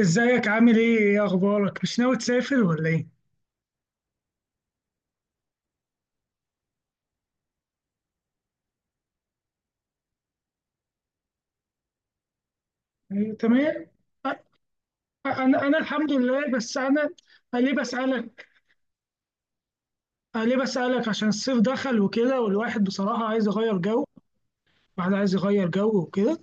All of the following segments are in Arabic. ازيك؟ عامل ايه؟ ايه اخبارك؟ مش ناوي تسافر ولا ايه؟ أيوة، تمام. أ- انا الحمد لله، بس انا أنا ليه بسالك. أنا ليه بسالك؟ عشان الصيف دخل وكده، والواحد بصراحه عايز يغير جو. الواحد عايز يغير جو وكده،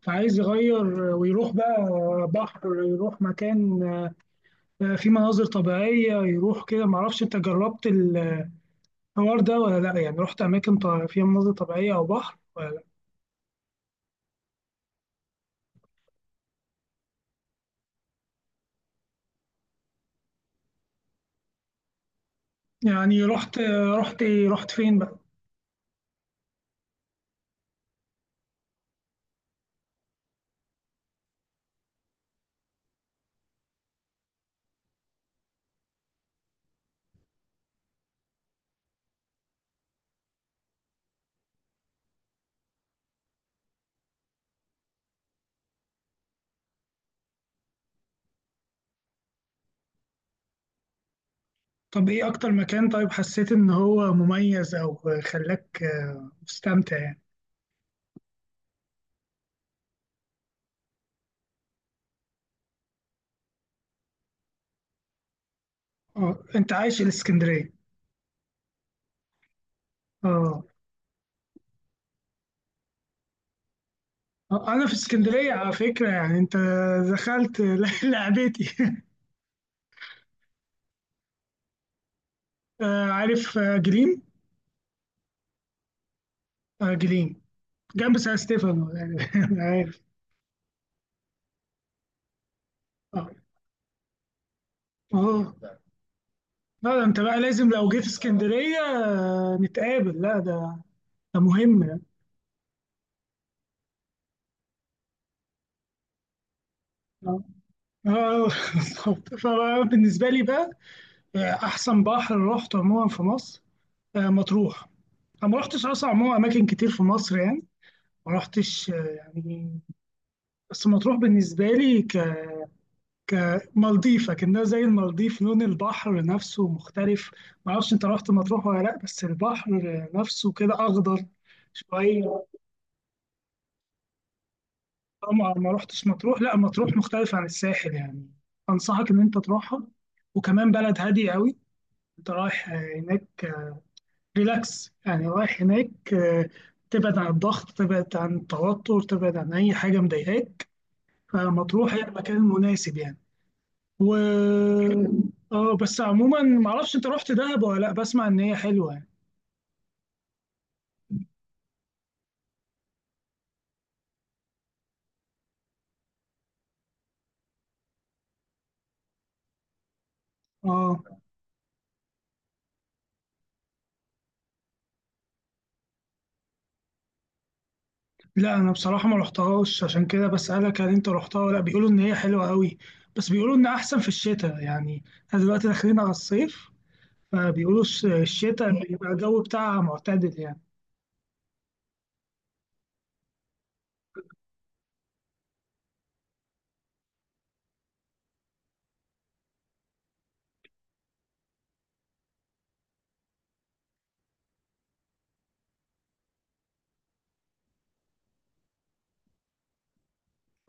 فعايز يغير ويروح بقى بحر، يروح مكان فيه مناظر طبيعيه، يروح كده. معرفش انت جربت الحوار ده ولا لا، يعني رحت اماكن فيها مناظر طبيعيه او بحر ولا لا؟ يعني رحت؟ رحت ايه؟ رحت فين بقى؟ طب ايه اكتر مكان طيب حسيت ان هو مميز او خلاك مستمتع يعني؟ اه، انت عايش الاسكندريه. اه، انا في اسكندريه على فكره، يعني انت دخلت لعبتي. عارف؟ جليم، جليم، جنب سان ستيفانو يعني، عارف. اه، اه، لا ده انت بقى لازم لو جيت اسكندريه نتقابل، لا ده ده مهم يعني. اه، آه، بالظبط. فبالنسبه لي بقى، احسن بحر رحته عموما في مصر مطروح. انا ما رحتش اصلا عموما اماكن كتير في مصر يعني، ما رحتش يعني، بس مطروح بالنسبه لي ك كمالديف، كأنها زي المالديف، لون البحر نفسه مختلف. ما اعرفش انت رحت مطروح ولا لا، بس البحر نفسه كده اخضر شويه. طبعا ما رحتش مطروح، لا مطروح مختلف عن الساحل يعني، انصحك ان انت تروحها. وكمان بلد هاديه قوي، انت رايح هناك ريلاكس، يعني رايح هناك تبعد عن الضغط، تبعد عن التوتر، تبعد عن أي حاجة مضايقاك، فلما تروح هي المكان المناسب يعني. و اه بس عموما، معرفش انت رحت دهب ولا لا، بسمع ان هي حلوة يعني. اه، لا انا بصراحة ما رحتهاش، عشان كده بسألك هل انت رحتها ولا لا. بيقولوا ان هي حلوة قوي، بس بيقولوا ان احسن في الشتاء، يعني احنا دلوقتي داخلين على الصيف، فبيقولوا الشتاء بيبقى الجو بتاعها معتدل يعني.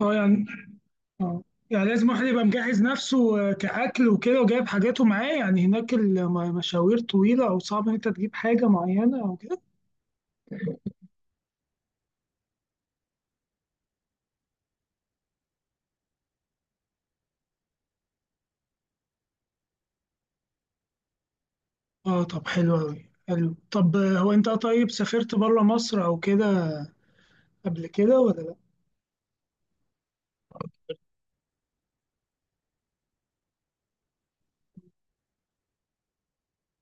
اه، يعني اه، يعني لازم واحد يبقى مجهز نفسه كأكل وكده، وجايب حاجاته معاه، يعني هناك المشاوير طويلة، أو صعب إن أنت تجيب حاجة معينة أو كده. اه، طب حلو أوي، حلو. طب، هو أنت طيب سافرت بره مصر أو كده قبل كده ولا لأ؟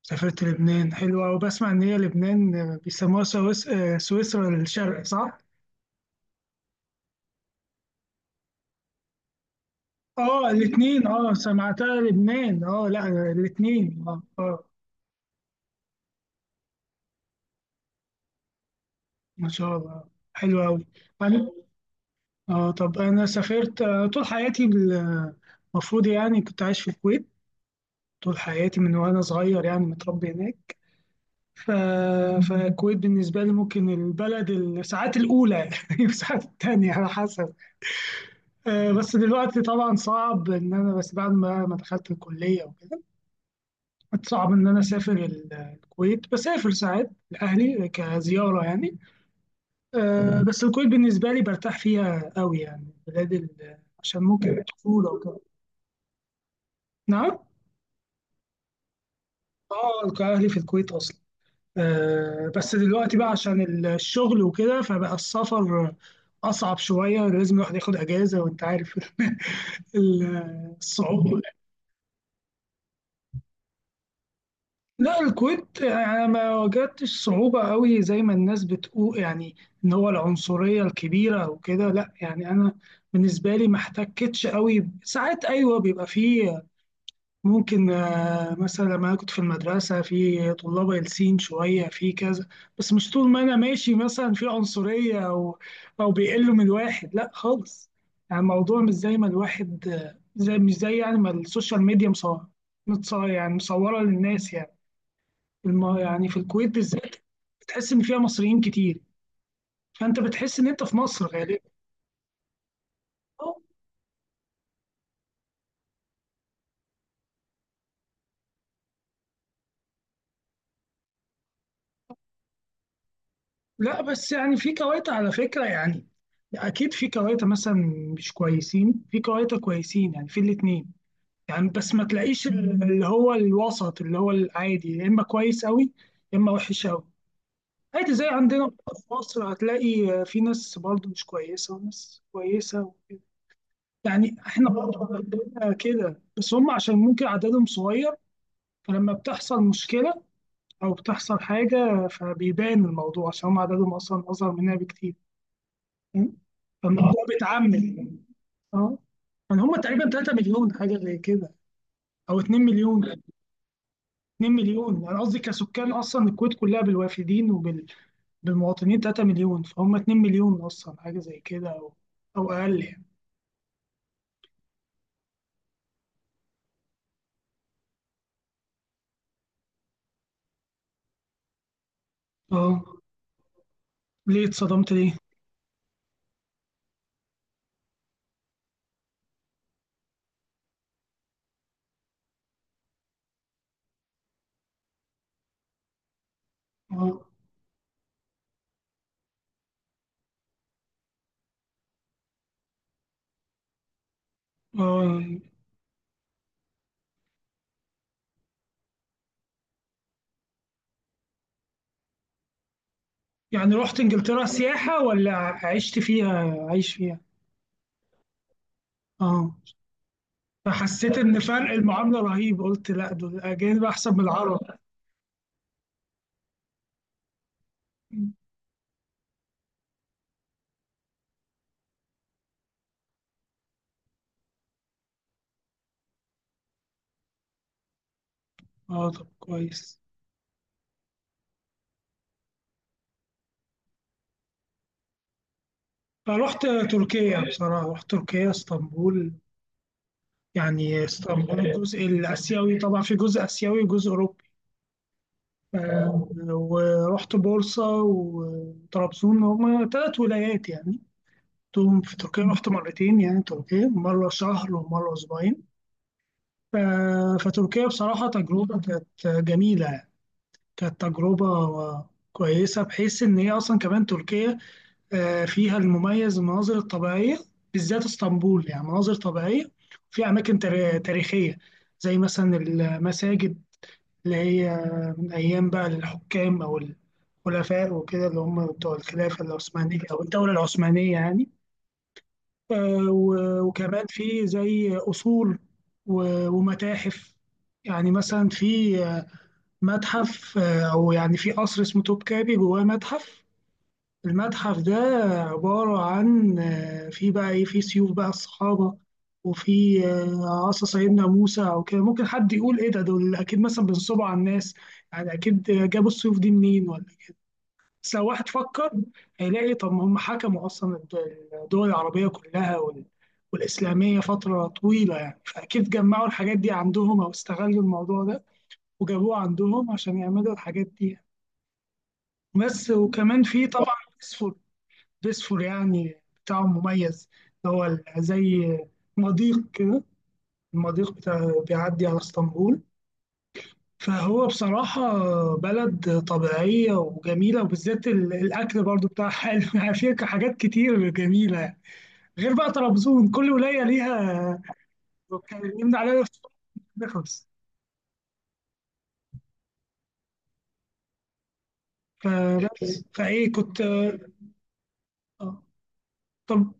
سافرت لبنان؟ حلو أوي، بسمع إن هي لبنان بيسموها سويسرا الشرق، صح؟ اه الاتنين، اه سمعتها لبنان، اه لا الاتنين، اه اه. ما شاء الله، حلو أوي يعني. اه طب انا سافرت طول حياتي المفروض، يعني كنت عايش في الكويت طول حياتي من وانا صغير، يعني متربي هناك. ف... فالكويت بالنسبه لي ممكن البلد الساعات الاولى يعني، والساعات التانية على حسب. بس دلوقتي طبعا صعب ان انا، بس بعد ما دخلت الكليه وكده، صعب ان انا اسافر الكويت، بسافر ساعات لاهلي كزياره يعني. بس الكويت بالنسبه لي برتاح فيها قوي يعني، بلاد عشان ممكن الطفوله وكده. نعم. اه، كان اهلي في الكويت اصلا، آه بس دلوقتي بقى عشان الشغل وكده، فبقى السفر اصعب شويه، لازم الواحد ياخد اجازه، وانت عارف الصعوبه. لا الكويت انا ما واجهتش صعوبه قوي زي ما الناس بتقول يعني، ان هو العنصريه الكبيره وكده، لا يعني انا بالنسبه لي ما احتكتش قوي. ساعات ايوه بيبقى فيه، ممكن مثلا لما أنا كنت في المدرسة، في طلاب قلسين شوية في كذا، بس مش طول ما أنا ماشي مثلا في عنصرية أو أو بيقلوا من الواحد، لا خالص. يعني الموضوع مش زي ما الواحد آه، زي مش زي يعني ما السوشيال ميديا مصورة، متصور يعني مصورة للناس يعني. يعني في الكويت بالذات بتحس إن فيها مصريين كتير، فأنت بتحس إن أنت في مصر غالبا. أو- لا بس يعني في كويت على فكرة يعني، اكيد في كواتة مثلا مش كويسين، في كواتة كويسين، يعني في الاتنين يعني. بس ما تلاقيش اللي هو الوسط، اللي هو العادي، يا اما كويس قوي يا اما وحش قوي، عادي زي عندنا. في مصر هتلاقي في ناس برضو مش كويسة وناس كويسة وكده، يعني احنا برضو عندنا كده، بس هم عشان ممكن عددهم صغير، فلما بتحصل مشكلة او بتحصل حاجة فبيبان الموضوع، عشان هم عددهم اصلا اصغر مننا بكتير، فالموضوع بيتعمم. اه يعني هم تقريبا 3 مليون حاجه زي كده، او 2 مليون. 2 مليون انا قصدي كسكان، اصلا الكويت كلها بالوافدين وبالمواطنين 3 مليون، فهم 2 مليون اصلا حاجه زي كده، او او اقل يعني. اه، ليه اتصدمت ليه؟ اه اه، يعني رحت انجلترا سياحه ولا عشت فيها، عايش فيها؟ اه، فحسيت ان فرق المعامله رهيب، قلت لا دول الاجانب احسن من العرب. اه طب كويس. فرحت تركيا بصراحة، رحت تركيا اسطنبول، يعني اسطنبول الجزء الآسيوي، طبعا في جزء آسيوي وجزء أوروبي، ورحت بورصة وطرابزون، هما تلات ولايات يعني، رحتهم في تركيا. رحت مرتين يعني تركيا، مرة شهر ومرة أسبوعين. فتركيا بصراحة تجربة كانت جميلة يعني. كانت تجربة كويسة، بحيث إن هي أصلا كمان تركيا فيها المميز المناظر الطبيعية، بالذات اسطنبول يعني مناظر طبيعية، في أماكن تاريخية زي مثلا المساجد، اللي هي من أيام بقى الحكام أو الخلفاء وكده، اللي هم بتوع الخلافة العثمانية أو الدولة العثمانية يعني. وكمان في زي أصول ومتاحف. يعني مثلا في متحف أو يعني في قصر اسمه توبكابي، جواه متحف. المتحف ده عبارة عن في بقى إيه، في سيوف بقى الصحابة، وفي عصا سيدنا موسى أو كده. ممكن حد يقول إيه ده، دول أكيد مثلا بينصبوا على الناس، يعني أكيد جابوا السيوف دي منين ولا إيه؟ بس لو واحد فكر هيلاقي، طب ما هم حكموا أصلا الدول العربية كلها والإسلامية فترة طويلة يعني، فأكيد جمعوا الحاجات دي عندهم، أو استغلوا الموضوع ده وجابوه عندهم عشان يعملوا الحاجات دي يعني. بس وكمان في طبعا بيسفور يعني، بتاعه مميز، اللي هو زي مضيق كده، المضيق بتاع بيعدي على اسطنبول. فهو بصراحة بلد طبيعية وجميلة، وبالذات الأكل برضو بتاعها حلو يعني، فيها حاجات كتير جميلة يعني. غير بقى طرابزون، كل ولاية ليها كان يمنع عليها نخلص. فبس فإيه كنت آه. طب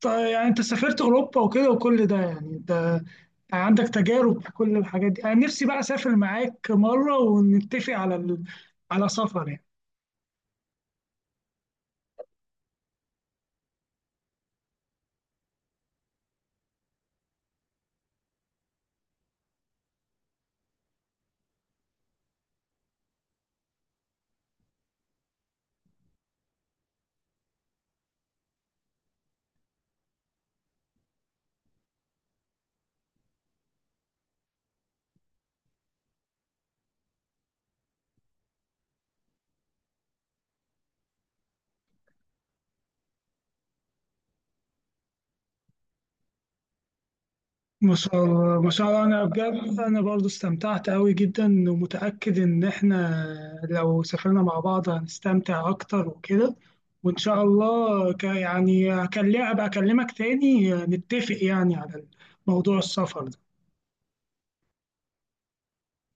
طب يعني أنت سافرت أوروبا وكده وكل ده، يعني أنت عندك تجارب في كل الحاجات دي، انا نفسي بقى اسافر معاك مره ونتفق على على سفر يعني. ما شاء الله، ما شاء الله. انا بجد انا برضو استمتعت قوي جدا، ومتاكد ان احنا لو سافرنا مع بعض هنستمتع اكتر وكده، وان شاء الله يعني هكلم ابقى اكلمك تاني، نتفق يعني على موضوع السفر ده.